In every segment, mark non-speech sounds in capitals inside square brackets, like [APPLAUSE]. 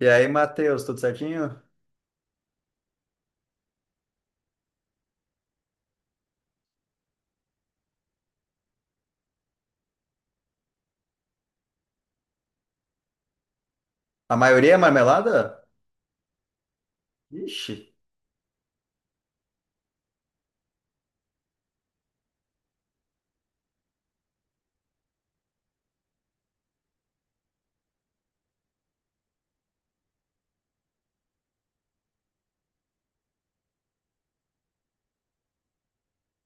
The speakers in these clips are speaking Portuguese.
E aí, Matheus, tudo certinho? A maioria é marmelada? Ixi.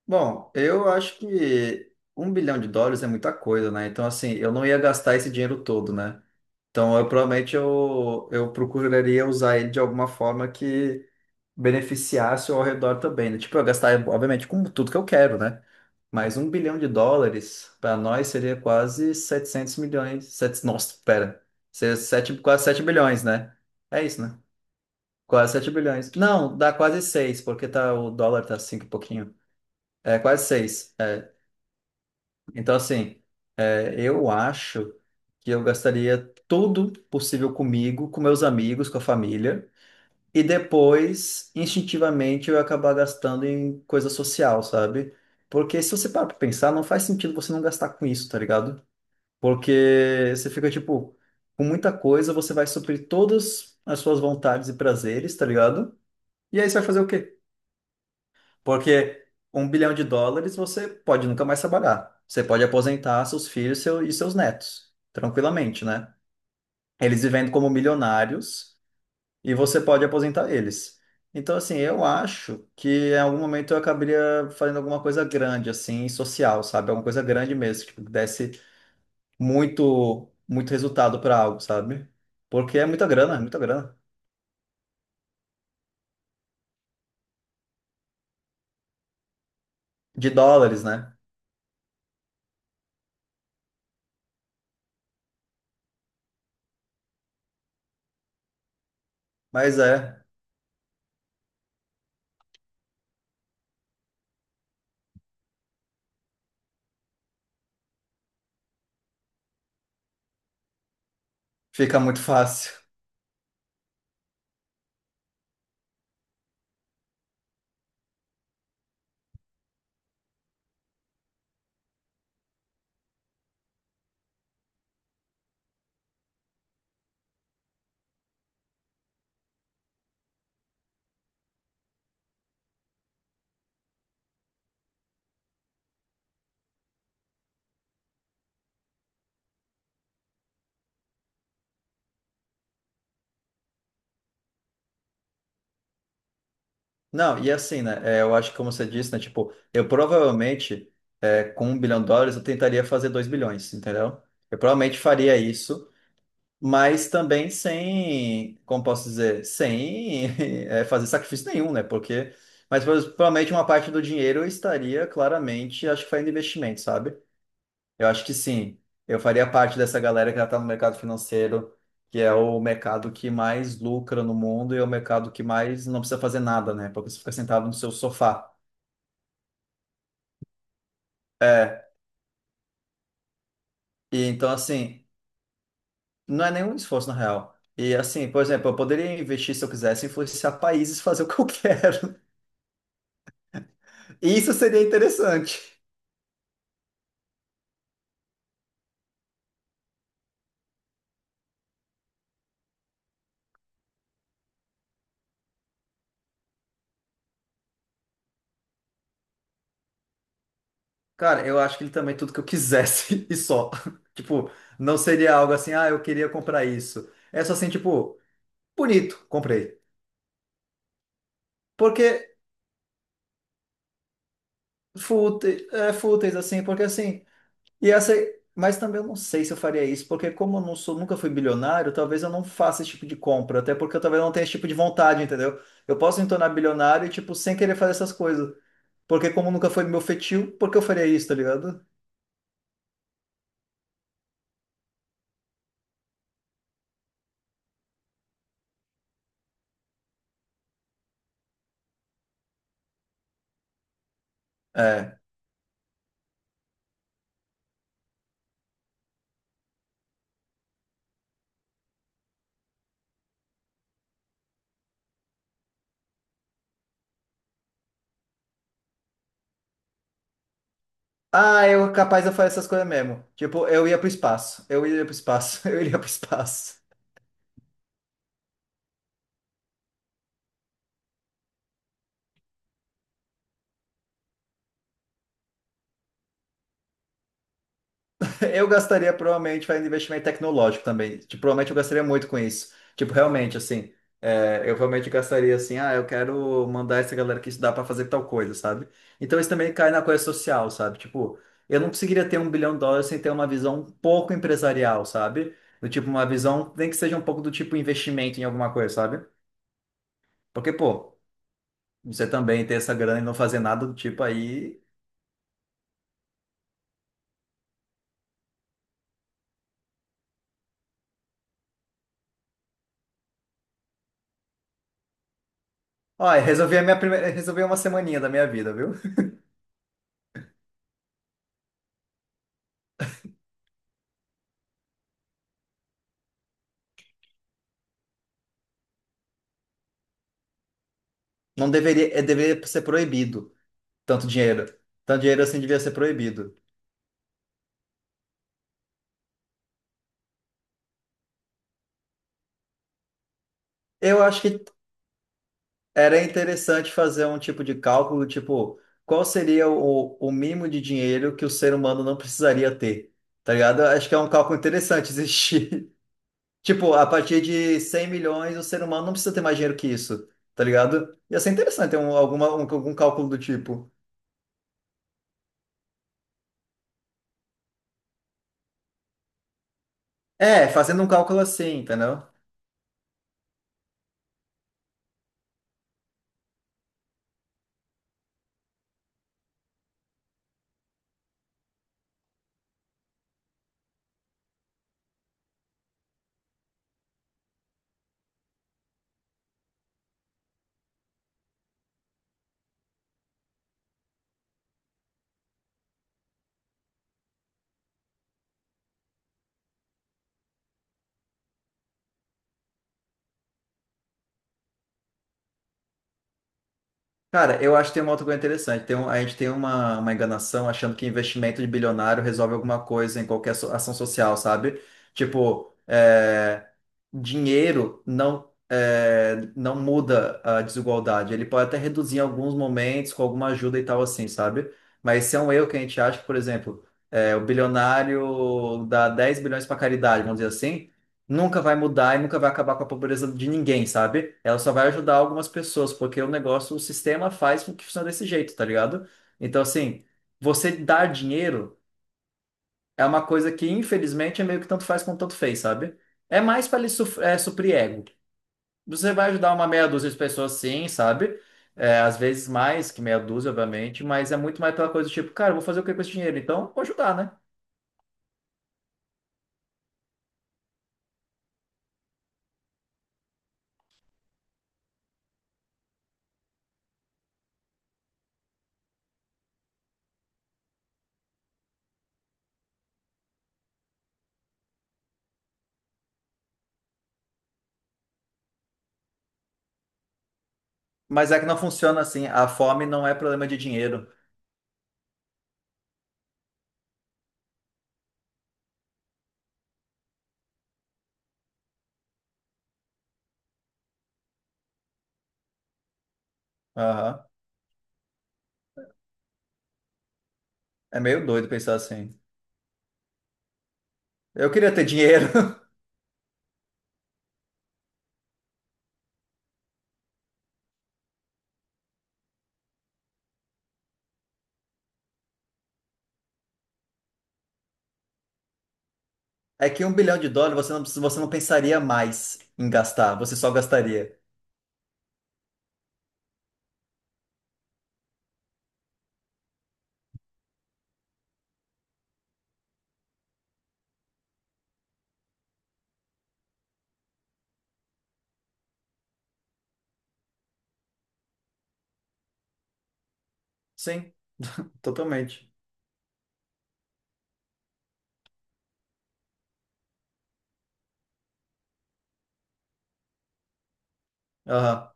Bom, eu acho que US$ 1 bilhão é muita coisa, né? Então, assim, eu não ia gastar esse dinheiro todo, né? Então, eu provavelmente eu procuraria usar ele de alguma forma que beneficiasse ao redor também, né? Tipo, eu gastar, obviamente, com tudo que eu quero, né? Mas um bilhão de dólares, para nós, seria quase 700 milhões. Sete, nossa, pera. Seria sete, quase 7 bilhões, né? É isso, né? Quase 7 bilhões. Não, dá quase 6 porque tá, o dólar tá 5 e pouquinho. É, quase seis. É. Então, assim, é, eu acho que eu gastaria tudo possível comigo, com meus amigos, com a família. E depois, instintivamente, eu ia acabar gastando em coisa social, sabe? Porque se você parar pra pensar, não faz sentido você não gastar com isso, tá ligado? Porque você fica, tipo, com muita coisa, você vai suprir todas as suas vontades e prazeres, tá ligado? E aí você vai fazer o quê? Porque US$ 1 bilhão você pode nunca mais trabalhar. Você pode aposentar seus filhos seu- e seus netos, tranquilamente, né? Eles vivendo como milionários e você pode aposentar eles. Então, assim, eu acho que em algum momento eu acabaria fazendo alguma coisa grande, assim, social, sabe? Alguma coisa grande mesmo, tipo, que tipo, desse muito, muito resultado para algo, sabe? Porque é muita grana, é muita grana. De dólares, né? Mas é, fica muito [LAUGHS] fácil. Não, e assim, né? É, eu acho que, como você disse, né? Tipo, eu provavelmente, é, com US$ 1 bilhão, eu tentaria fazer 2 bilhões, entendeu? Eu provavelmente faria isso, mas também sem, como posso dizer, sem [LAUGHS] é, fazer sacrifício nenhum, né? Porque, mas provavelmente uma parte do dinheiro eu estaria claramente, acho que fazendo investimento, sabe? Eu acho que sim. Eu faria parte dessa galera que já está no mercado financeiro, que é o mercado que mais lucra no mundo e é o mercado que mais não precisa fazer nada, né? Porque você fica sentado no seu sofá. É. E então, assim, não é nenhum esforço, na real. E assim, por exemplo, eu poderia investir se eu quisesse, influenciar países, fazer o que eu quero. [LAUGHS] Isso seria interessante. Cara, eu acho que ele também tudo que eu quisesse [LAUGHS] e só. Tipo, não seria algo assim, ah, eu queria comprar isso. É só assim, tipo, bonito, comprei. Porque fúteis, é, fúteis, assim, porque assim, e essa, mas também eu não sei se eu faria isso, porque como eu não sou, nunca fui bilionário, talvez eu não faça esse tipo de compra, até porque eu talvez não tenha esse tipo de vontade, entendeu? Eu posso me tornar bilionário, tipo, sem querer fazer essas coisas, porque como nunca foi meu feitio, por que eu faria isso, tá ligado? É. Ah, eu capaz de fazer essas coisas mesmo. Tipo, eu ia pro espaço, eu iria pro espaço, [LAUGHS] eu iria pro espaço. Eu gastaria provavelmente fazendo investimento tecnológico também. Tipo, provavelmente eu gastaria muito com isso. Tipo, realmente, assim, é, eu realmente gastaria assim, ah, eu quero mandar essa galera que estudar para fazer tal coisa, sabe? Então isso também cai na coisa social, sabe? Tipo, eu não conseguiria ter US$ 1 bilhão sem ter uma visão um pouco empresarial, sabe? Do tipo, uma visão, nem que seja um pouco do tipo investimento em alguma coisa, sabe? Porque, pô, você também ter essa grana e não fazer nada do tipo aí. Olha, resolvi a minha primeira, resolvi uma semaninha da minha vida, viu? Não deveria, é, deveria ser proibido. Tanto dinheiro. Tanto dinheiro assim devia ser proibido. Eu acho que era interessante fazer um tipo de cálculo, tipo, qual seria o mínimo de dinheiro que o ser humano não precisaria ter, tá ligado? Eu acho que é um cálculo interessante existir. [LAUGHS] Tipo, a partir de 100 milhões, o ser humano não precisa ter mais dinheiro que isso, tá ligado? Ia ser interessante ter algum cálculo do tipo. É, fazendo um cálculo assim, entendeu? Cara, eu acho que tem uma outra coisa interessante. A gente tem uma enganação achando que investimento de bilionário resolve alguma coisa em qualquer ação social, sabe? Tipo, é, dinheiro não, é, não muda a desigualdade. Ele pode até reduzir em alguns momentos com alguma ajuda e tal assim, sabe? Mas esse é um erro que a gente acha que, por exemplo, é, o bilionário dá 10 bilhões para caridade, vamos dizer assim, nunca vai mudar e nunca vai acabar com a pobreza de ninguém, sabe? Ela só vai ajudar algumas pessoas, porque o negócio, o sistema faz com que funcione desse jeito, tá ligado? Então, assim, você dar dinheiro é uma coisa que, infelizmente, é meio que tanto faz como tanto fez, sabe? É mais para ele suprir ego. Você vai ajudar uma meia dúzia de pessoas, sim, sabe? É, às vezes mais que meia dúzia, obviamente, mas é muito mais pela coisa do tipo, cara, eu vou fazer o que com esse dinheiro? Então, vou ajudar, né? Mas é que não funciona assim. A fome não é problema de dinheiro. Aham. É meio doido pensar assim. Eu queria ter dinheiro. [LAUGHS] É que US$ 1 bilhão você não pensaria mais em gastar, você só gastaria. Sim, totalmente. Aham,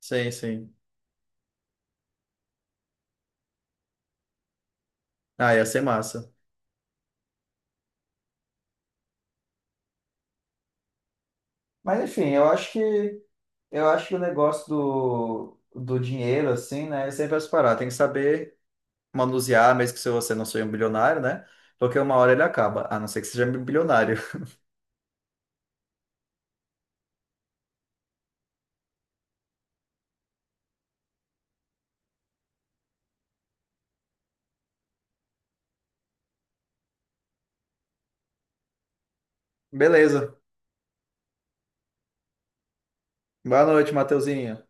sim, sim. Ah, ia ser massa. Mas enfim, eu acho que o negócio do dinheiro, assim, né? É sempre as paradas. Tem que saber manusear, mesmo que se você não seja um bilionário, né? Porque uma hora ele acaba, a não ser que seja bilionário. [LAUGHS] Beleza. Boa noite, Mateuzinho.